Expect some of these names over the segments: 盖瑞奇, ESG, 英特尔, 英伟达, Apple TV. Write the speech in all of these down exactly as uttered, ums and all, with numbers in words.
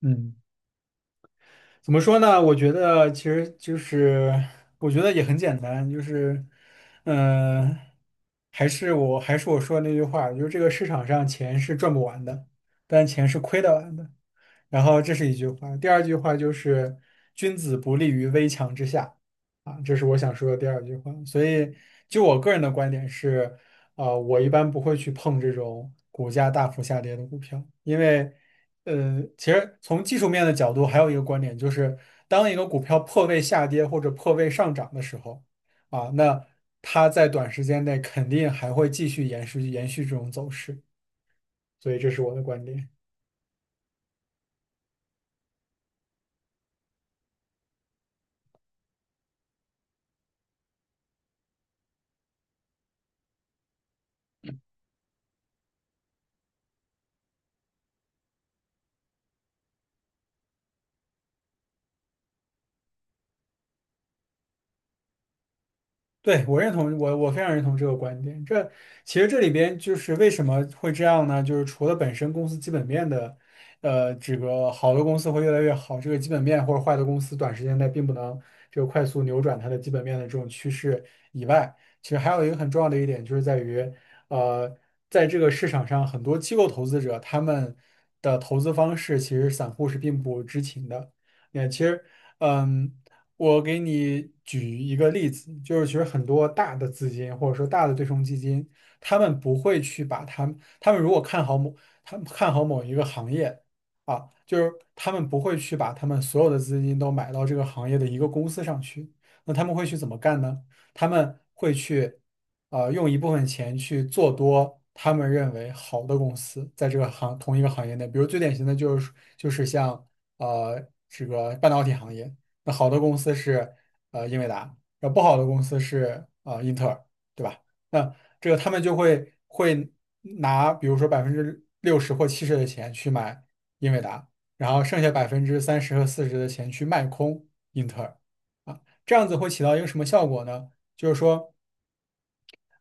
嗯，怎么说呢？我觉得其实就是，我觉得也很简单，就是，嗯、还是我还是我说的那句话，就是这个市场上钱是赚不完的，但钱是亏得完的。然后这是一句话，第二句话就是"君子不立于危墙之下"，啊，这是我想说的第二句话。所以，就我个人的观点是，呃，我一般不会去碰这种股价大幅下跌的股票，因为，呃，其实从技术面的角度，还有一个观点就是，当一个股票破位下跌或者破位上涨的时候，啊，那它在短时间内肯定还会继续延续延续这种走势。所以，这是我的观点。对，我认同，我我非常认同这个观点。这其实这里边就是为什么会这样呢？就是除了本身公司基本面的，呃，这个好的公司会越来越好，这个基本面或者坏的公司短时间内并不能这个快速扭转它的基本面的这种趋势以外，其实还有一个很重要的一点就是在于，呃，在这个市场上，很多机构投资者他们的投资方式其实散户是并不知情的。也其实，嗯。我给你举一个例子，就是其实很多大的资金或者说大的对冲基金，他们不会去把他们，他们如果看好某，他们看好某一个行业啊，就是他们不会去把他们所有的资金都买到这个行业的一个公司上去。那他们会去怎么干呢？他们会去，呃，用一部分钱去做多他们认为好的公司，在这个行同一个行业内，比如最典型的就是就是像呃这个半导体行业。那好的公司是呃英伟达，那不好的公司是呃英特尔，对吧？那这个他们就会会拿比如说百分之六十或七十的钱去买英伟达，然后剩下百分之三十和四十的钱去卖空英特尔啊，这样子会起到一个什么效果呢？就是说。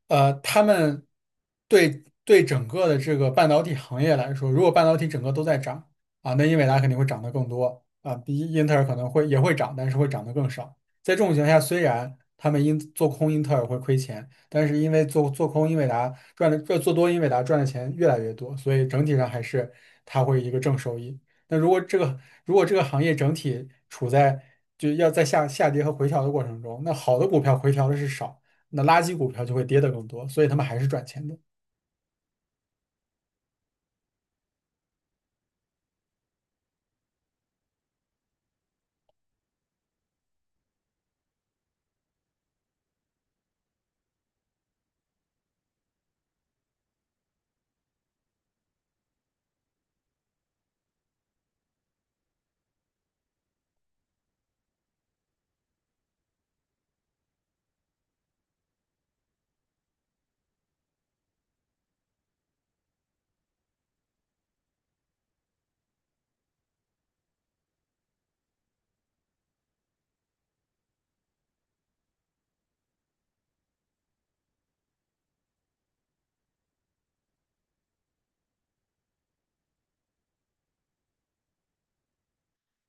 呃，他们对对整个的这个半导体行业来说，如果半导体整个都在涨啊，那英伟达肯定会涨得更多啊，比英特尔可能会也会涨，但是会涨得更少。在这种情况下，虽然他们因做空英特尔会亏钱，但是因为做做空英伟达赚的，做做多英伟达赚的钱越来越多，所以整体上还是它会一个正收益。那如果这个如果这个行业整体处在就要在下下跌和回调的过程中，那好的股票回调的是少。那垃圾股票就会跌得更多，所以他们还是赚钱的。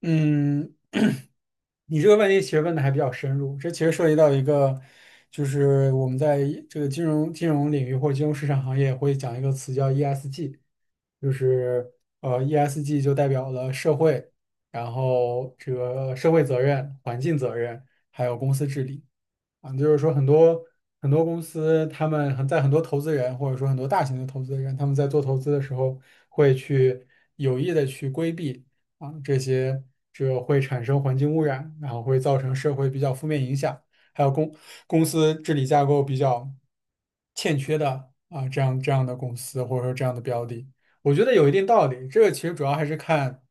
嗯，你这个问题其实问的还比较深入，这其实涉及到一个，就是我们在这个金融金融领域或者金融市场行业会讲一个词叫 E S G,就是呃 E S G 就代表了社会，然后这个社会责任、环境责任，还有公司治理。啊，就是说很多很多公司，他们很在很多投资人或者说很多大型的投资人，他们在做投资的时候会去有意的去规避啊这些这会产生环境污染，然后会造成社会比较负面影响，还有公公司治理架构比较欠缺的啊这样这样的公司或者说这样的标的，我觉得有一定道理。这个其实主要还是看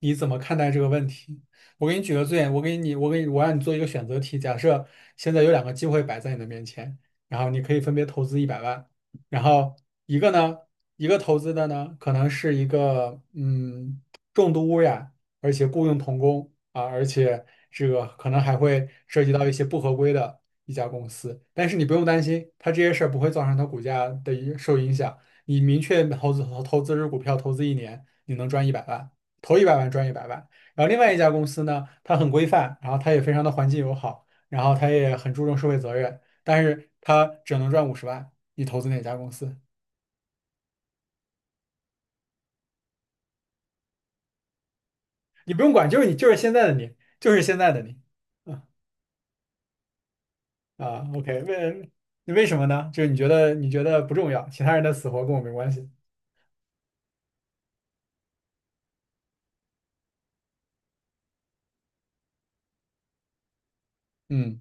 你怎么看待这个问题。我给你举个最，我给你，我给你，我让你做一个选择题。假设现在有两个机会摆在你的面前，然后你可以分别投资一百万，然后一个呢，一个投资的呢，可能是一个嗯重度污染，而且雇佣童工啊，而且这个可能还会涉及到一些不合规的一家公司。但是你不用担心，它这些事儿不会造成它股价的一受影响。你明确投资投资日股票投资一年，你能赚一百万，投一百万赚一百万。然后另外一家公司呢，它很规范，然后它也非常的环境友好，然后它也很注重社会责任，但是它只能赚五十万。你投资哪家公司？你不用管，就是你，就是现在的你，就是现在的你。啊啊，OK,为为什么呢？就是你觉得你觉得不重要，其他人的死活跟我没关系。嗯。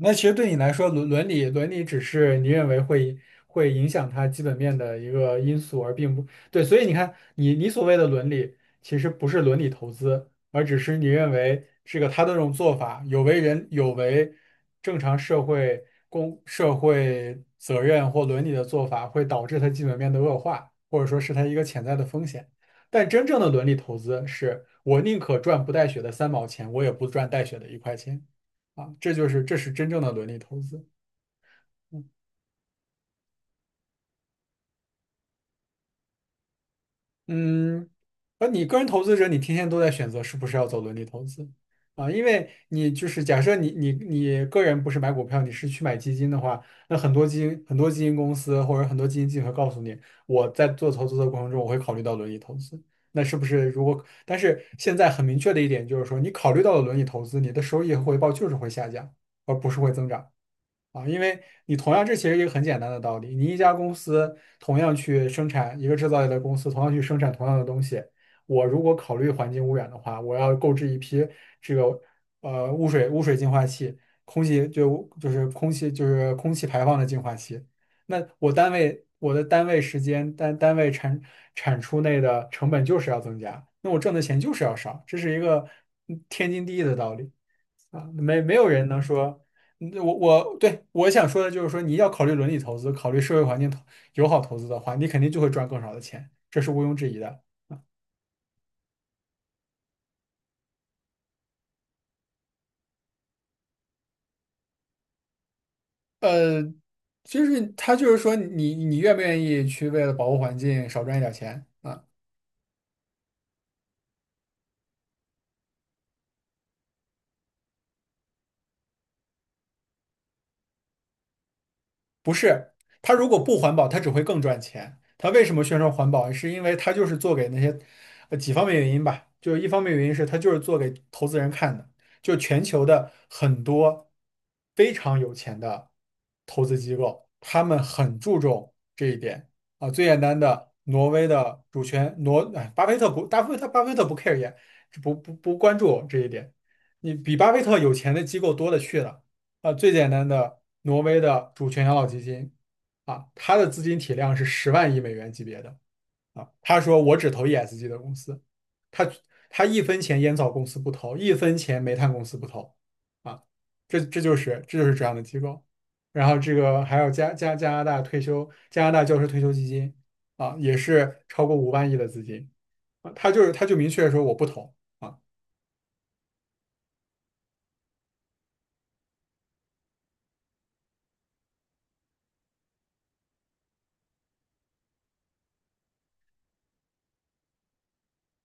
那其实对你来说，伦伦理伦理只是你认为会会影响它基本面的一个因素，而并不对。所以你看，你你所谓的伦理，其实不是伦理投资，而只是你认为这个他的这种做法有违人有违正常社会公社会责任或伦理的做法，会导致它基本面的恶化，或者说是它一个潜在的风险。但真正的伦理投资是我宁可赚不带血的三毛钱，我也不赚带血的一块钱。啊，这就是这是真正的伦理投资。嗯，而你个人投资者，你天天都在选择是不是要走伦理投资啊，因为你就是假设你你你个人不是买股票，你是去买基金的话，那很多基金很多基金公司或者很多基金经理会告诉你，我在做投资的过程中，我会考虑到伦理投资。那是不是如果？但是现在很明确的一点就是说，你考虑到了伦理投资，你的收益和回报就是会下降，而不是会增长。啊，因为你同样这其实一个很简单的道理，你一家公司同样去生产一个制造业的公司，同样去生产同样的东西，我如果考虑环境污染的话，我要购置一批这个呃污水污水净化器、空气就就是空气就是空气排放的净化器，那我单位我的单位时间单单位产产出内的成本就是要增加，那我挣的钱就是要少，这是一个嗯天经地义的道理。啊，没没有人能说，嗯我我对我想说的就是说，你要考虑伦理投资，考虑社会环境投友好投资的话，你肯定就会赚更少的钱，这是毋庸置疑的。呃，就是他就是说你你愿不愿意去为了保护环境少赚一点钱啊？不是，它如果不环保，它只会更赚钱。它为什么宣传环保？是因为它就是做给那些，呃，几方面原因吧。就是一方面原因是它就是做给投资人看的，就全球的很多非常有钱的投资机构，他们很注重这一点啊。最简单的，挪威的主权，挪，哎，巴菲特不，巴菲特巴菲特不 care 也不不不关注这一点。你比巴菲特有钱的机构多了去了。呃，最简单的，挪威的主权养老基金啊，它的资金体量是十万亿美元级别的啊。他说我只投 E S G 的公司，他他一分钱烟草公司不投，一分钱煤炭公司不投啊。这这就是这就是这样的机构。然后这个还有加加加拿大退休加拿大教师退休基金啊，也是超过五万亿的资金啊。他就是他就明确说我不投。啊。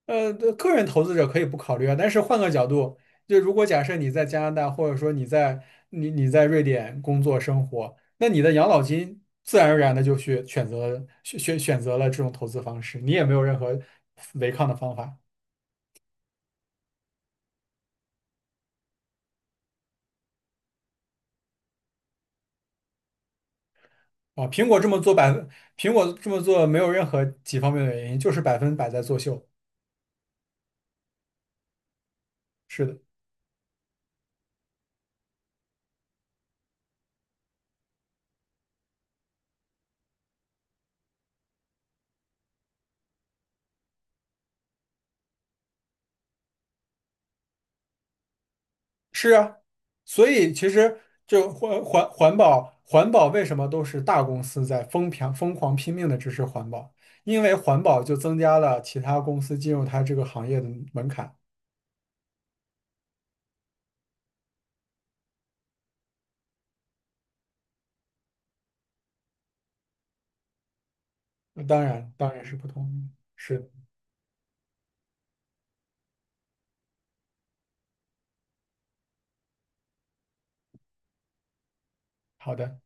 呃，对个人投资者可以不考虑啊，但是换个角度，就如果假设你在加拿大，或者说你在你你在瑞典工作生活，那你的养老金自然而然的就去选择了选选选择了这种投资方式，你也没有任何违抗的方法啊。苹果这么做百，苹果这么做没有任何几方面的原因，就是百分百在作秀。是的。是啊，所以其实就环环环保环保为什么都是大公司在疯狂疯狂拼命的支持环保？因为环保就增加了其他公司进入它这个行业的门槛。当然，当然是不同意。是好的。